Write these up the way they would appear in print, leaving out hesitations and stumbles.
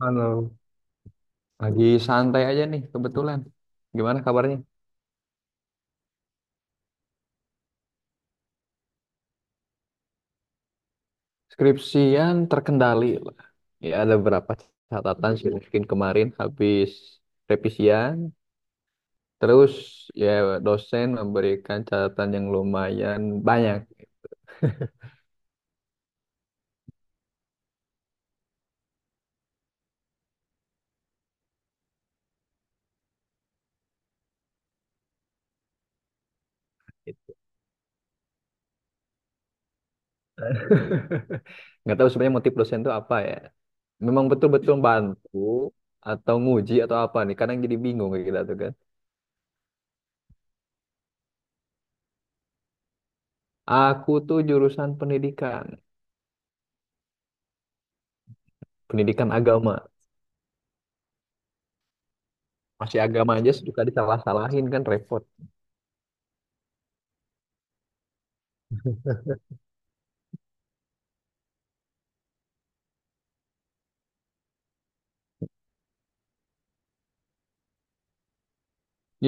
Halo, lagi santai aja nih kebetulan. Gimana kabarnya? Skripsian terkendali lah. Ya ada berapa catatan sih mungkin kemarin habis revisian. Terus ya dosen memberikan catatan yang lumayan banyak. Gitu. Nggak tahu sebenarnya motif dosen itu apa ya. Memang betul-betul bantu atau nguji atau apa nih. Kadang jadi bingung kayak gitu tuh kan. Aku tuh jurusan pendidikan. Pendidikan agama. Masih agama aja suka disalah-salahin kan repot.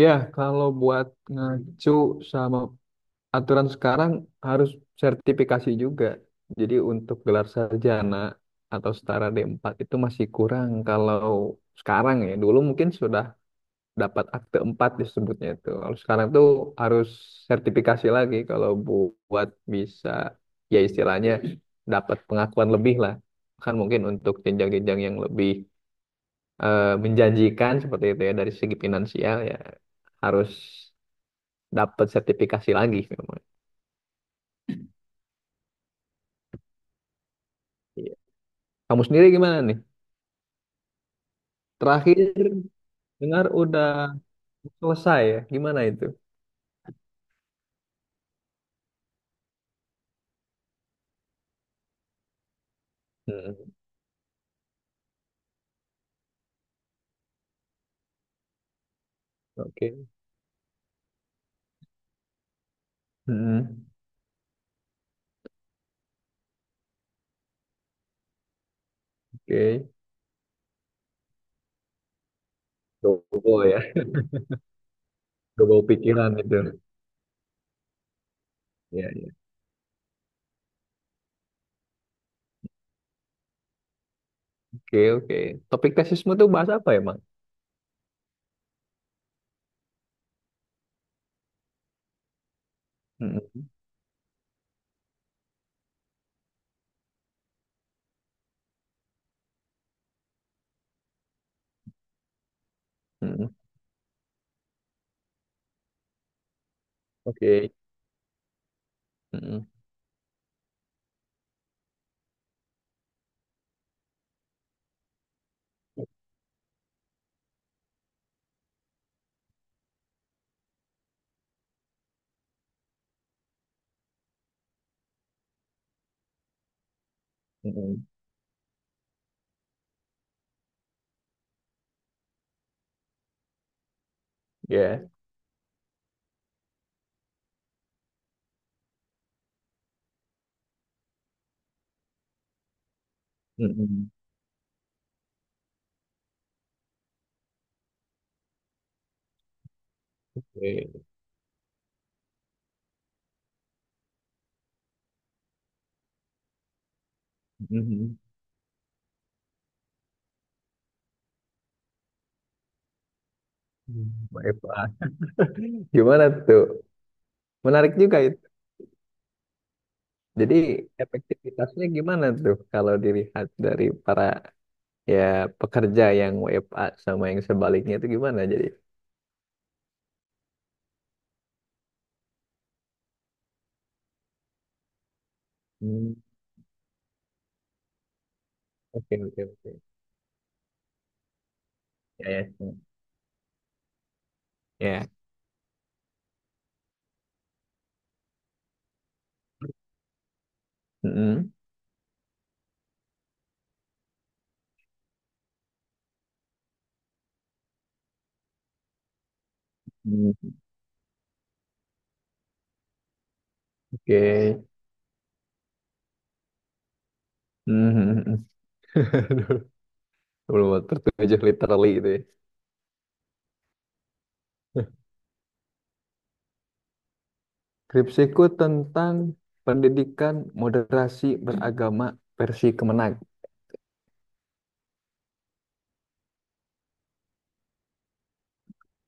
Ya, kalau buat ngacu sama aturan sekarang harus sertifikasi juga. Jadi untuk gelar sarjana atau setara D4 itu masih kurang kalau sekarang ya. Dulu mungkin sudah dapat akte 4 disebutnya itu. Kalau sekarang tuh harus sertifikasi lagi kalau buat bisa ya istilahnya dapat pengakuan lebih lah. Kan mungkin untuk jenjang-jenjang yang lebih menjanjikan seperti itu ya dari segi finansial ya harus dapat sertifikasi lagi memang. Iya. Kamu sendiri gimana nih? Terakhir dengar udah selesai ya? Gimana itu? Hmm. Oke. Hmm. Oke. Dobo ya. Dobo pikiran itu. Ya, ya. Oke, oke. Topik tesismu tuh bahas apa ya, Mang? Hmm. Hmm. Oke. Hmm. Hmm. Ya. Hmm. Oke. Hmm. Baik, Pak. Gimana tuh? Menarik juga itu. Jadi efektivitasnya gimana tuh kalau dilihat dari para ya pekerja yang WFA sama yang sebaliknya itu gimana jadi? Hmm, oke, oke, oke. Ya, ya. Ya. Mm-mm. Hmm. Oke. Hmm. Hmm, hmm. Aduh, belum tertuju literally itu ya. Skripsiku tentang pendidikan moderasi beragama versi Kemenag.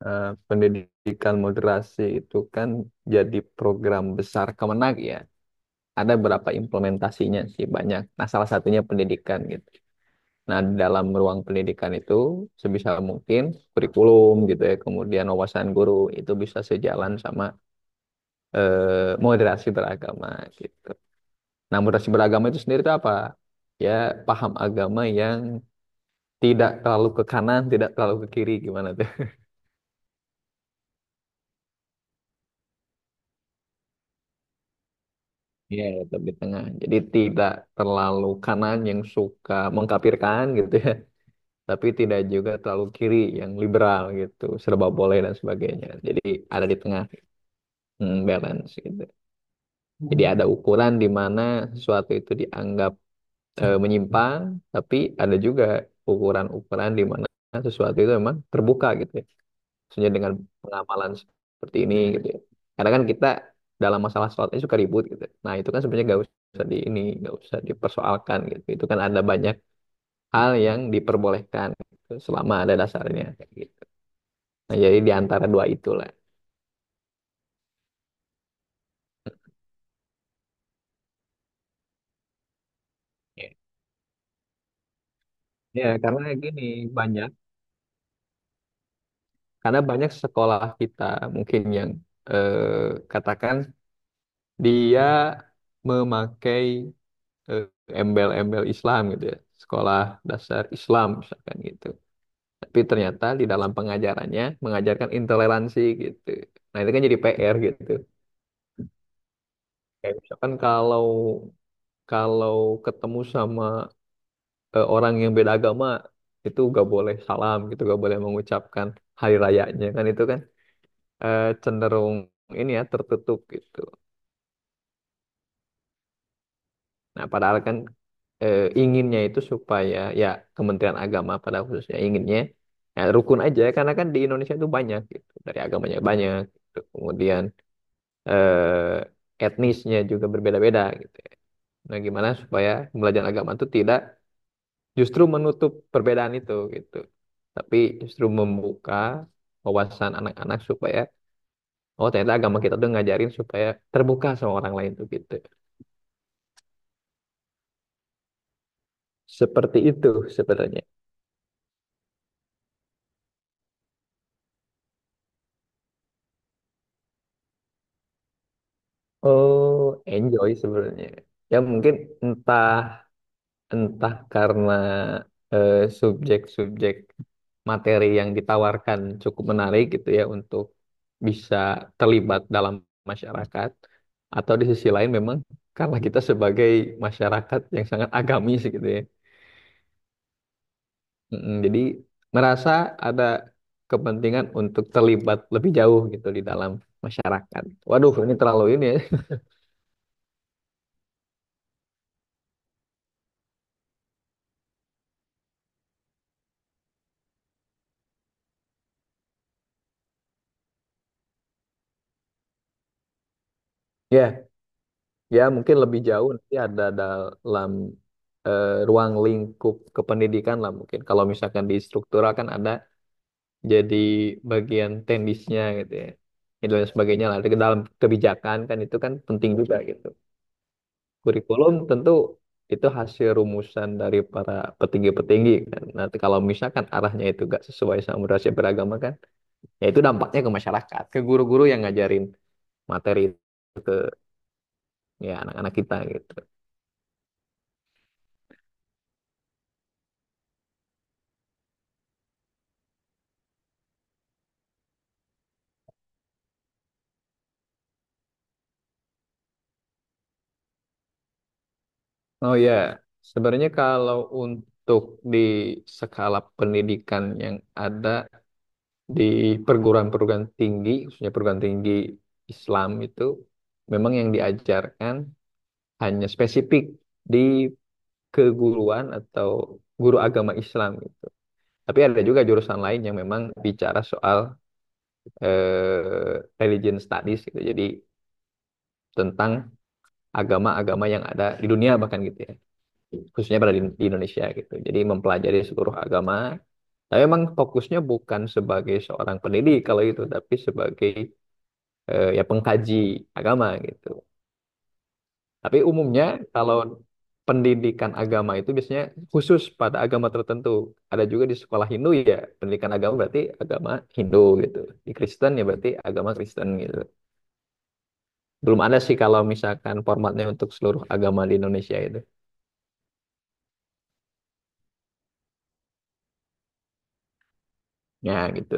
Pendidikan moderasi itu kan jadi program besar Kemenag ya. Ada berapa implementasinya sih banyak. Nah, salah satunya pendidikan gitu. Nah, dalam ruang pendidikan itu sebisa mungkin kurikulum gitu ya, kemudian wawasan guru itu bisa sejalan sama moderasi beragama gitu. Nah, moderasi beragama itu sendiri itu apa? Ya, paham agama yang tidak terlalu ke kanan, tidak terlalu ke kiri gimana tuh? Iya, ya, tetap di tengah. Jadi tidak terlalu kanan yang suka mengkapirkan gitu ya tapi tidak juga terlalu kiri yang liberal gitu, serba boleh dan sebagainya. Jadi ada di tengah, balance gitu. Jadi ada ukuran di mana sesuatu itu dianggap menyimpang, tapi ada juga ukuran-ukuran di mana sesuatu itu memang terbuka gitu ya. Maksudnya dengan pengamalan seperti ini gitu ya. Karena kan kita dalam masalah sholat ini suka ribut gitu. Nah itu kan sebenarnya gak usah di ini, gak usah dipersoalkan gitu. Itu kan ada banyak hal yang diperbolehkan gitu, selama ada dasarnya, kayak gitu. Nah, jadi di antara dua itulah. Ya. Ya, karena gini banyak, karena banyak sekolah kita mungkin yang eh, katakan dia memakai eh, embel-embel Islam gitu ya, sekolah dasar Islam misalkan gitu. Tapi ternyata di dalam pengajarannya mengajarkan intoleransi gitu. Nah, itu kan jadi PR gitu. Kayak misalkan kalau kalau ketemu sama orang yang beda agama itu gak boleh salam gitu, gak boleh mengucapkan hari rayanya kan itu kan cenderung ini ya tertutup gitu. Nah padahal kan inginnya itu supaya ya Kementerian Agama pada khususnya inginnya ya, rukun aja karena kan di Indonesia itu banyak gitu dari agamanya banyak gitu. Kemudian etnisnya juga berbeda-beda gitu. Nah gimana supaya pembelajaran agama itu tidak justru menutup perbedaan itu gitu. Tapi justru membuka wawasan anak-anak supaya oh ternyata agama kita tuh ngajarin supaya terbuka sama orang lain tuh gitu. Seperti itu sebenarnya. Oh, enjoy sebenarnya. Ya mungkin entah entah karena eh, subjek-subjek materi yang ditawarkan cukup menarik gitu ya untuk bisa terlibat dalam masyarakat atau di sisi lain memang karena kita sebagai masyarakat yang sangat agamis gitu ya. Jadi merasa ada kepentingan untuk terlibat lebih jauh gitu di dalam masyarakat. Waduh, ini terlalu ini ya. Ya. Ya, mungkin lebih jauh nanti ada dalam ruang lingkup kependidikan lah mungkin. Kalau misalkan di struktural kan ada jadi bagian teknisnya gitu ya. Itu dan sebagainya lah. Di dalam kebijakan kan itu kan penting juga gitu. Kurikulum tentu itu hasil rumusan dari para petinggi-petinggi kan. Nanti kalau misalkan arahnya itu gak sesuai sama moderasi beragama kan, ya itu dampaknya ke masyarakat, ke guru-guru yang ngajarin materi itu ke ya anak-anak kita gitu. Oh ya, sebenarnya kalau untuk di skala pendidikan yang ada di perguruan-perguruan tinggi, khususnya perguruan tinggi Islam itu, memang yang diajarkan hanya spesifik di keguruan atau guru agama Islam gitu. Tapi ada juga jurusan lain yang memang bicara soal religion studies gitu. Jadi tentang agama-agama yang ada di dunia bahkan gitu ya. Khususnya pada di Indonesia gitu. Jadi mempelajari seluruh agama. Tapi memang fokusnya bukan sebagai seorang pendidik kalau itu, tapi sebagai ya pengkaji agama gitu. Tapi umumnya kalau pendidikan agama itu biasanya khusus pada agama tertentu. Ada juga di sekolah Hindu ya, pendidikan agama berarti agama Hindu gitu. Di Kristen ya berarti agama Kristen gitu. Belum ada sih kalau misalkan formatnya untuk seluruh agama di Indonesia itu. Ya gitu.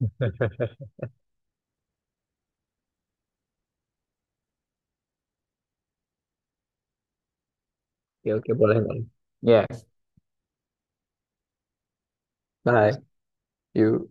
Ya, oke boleh, Bang. Ya, bye. You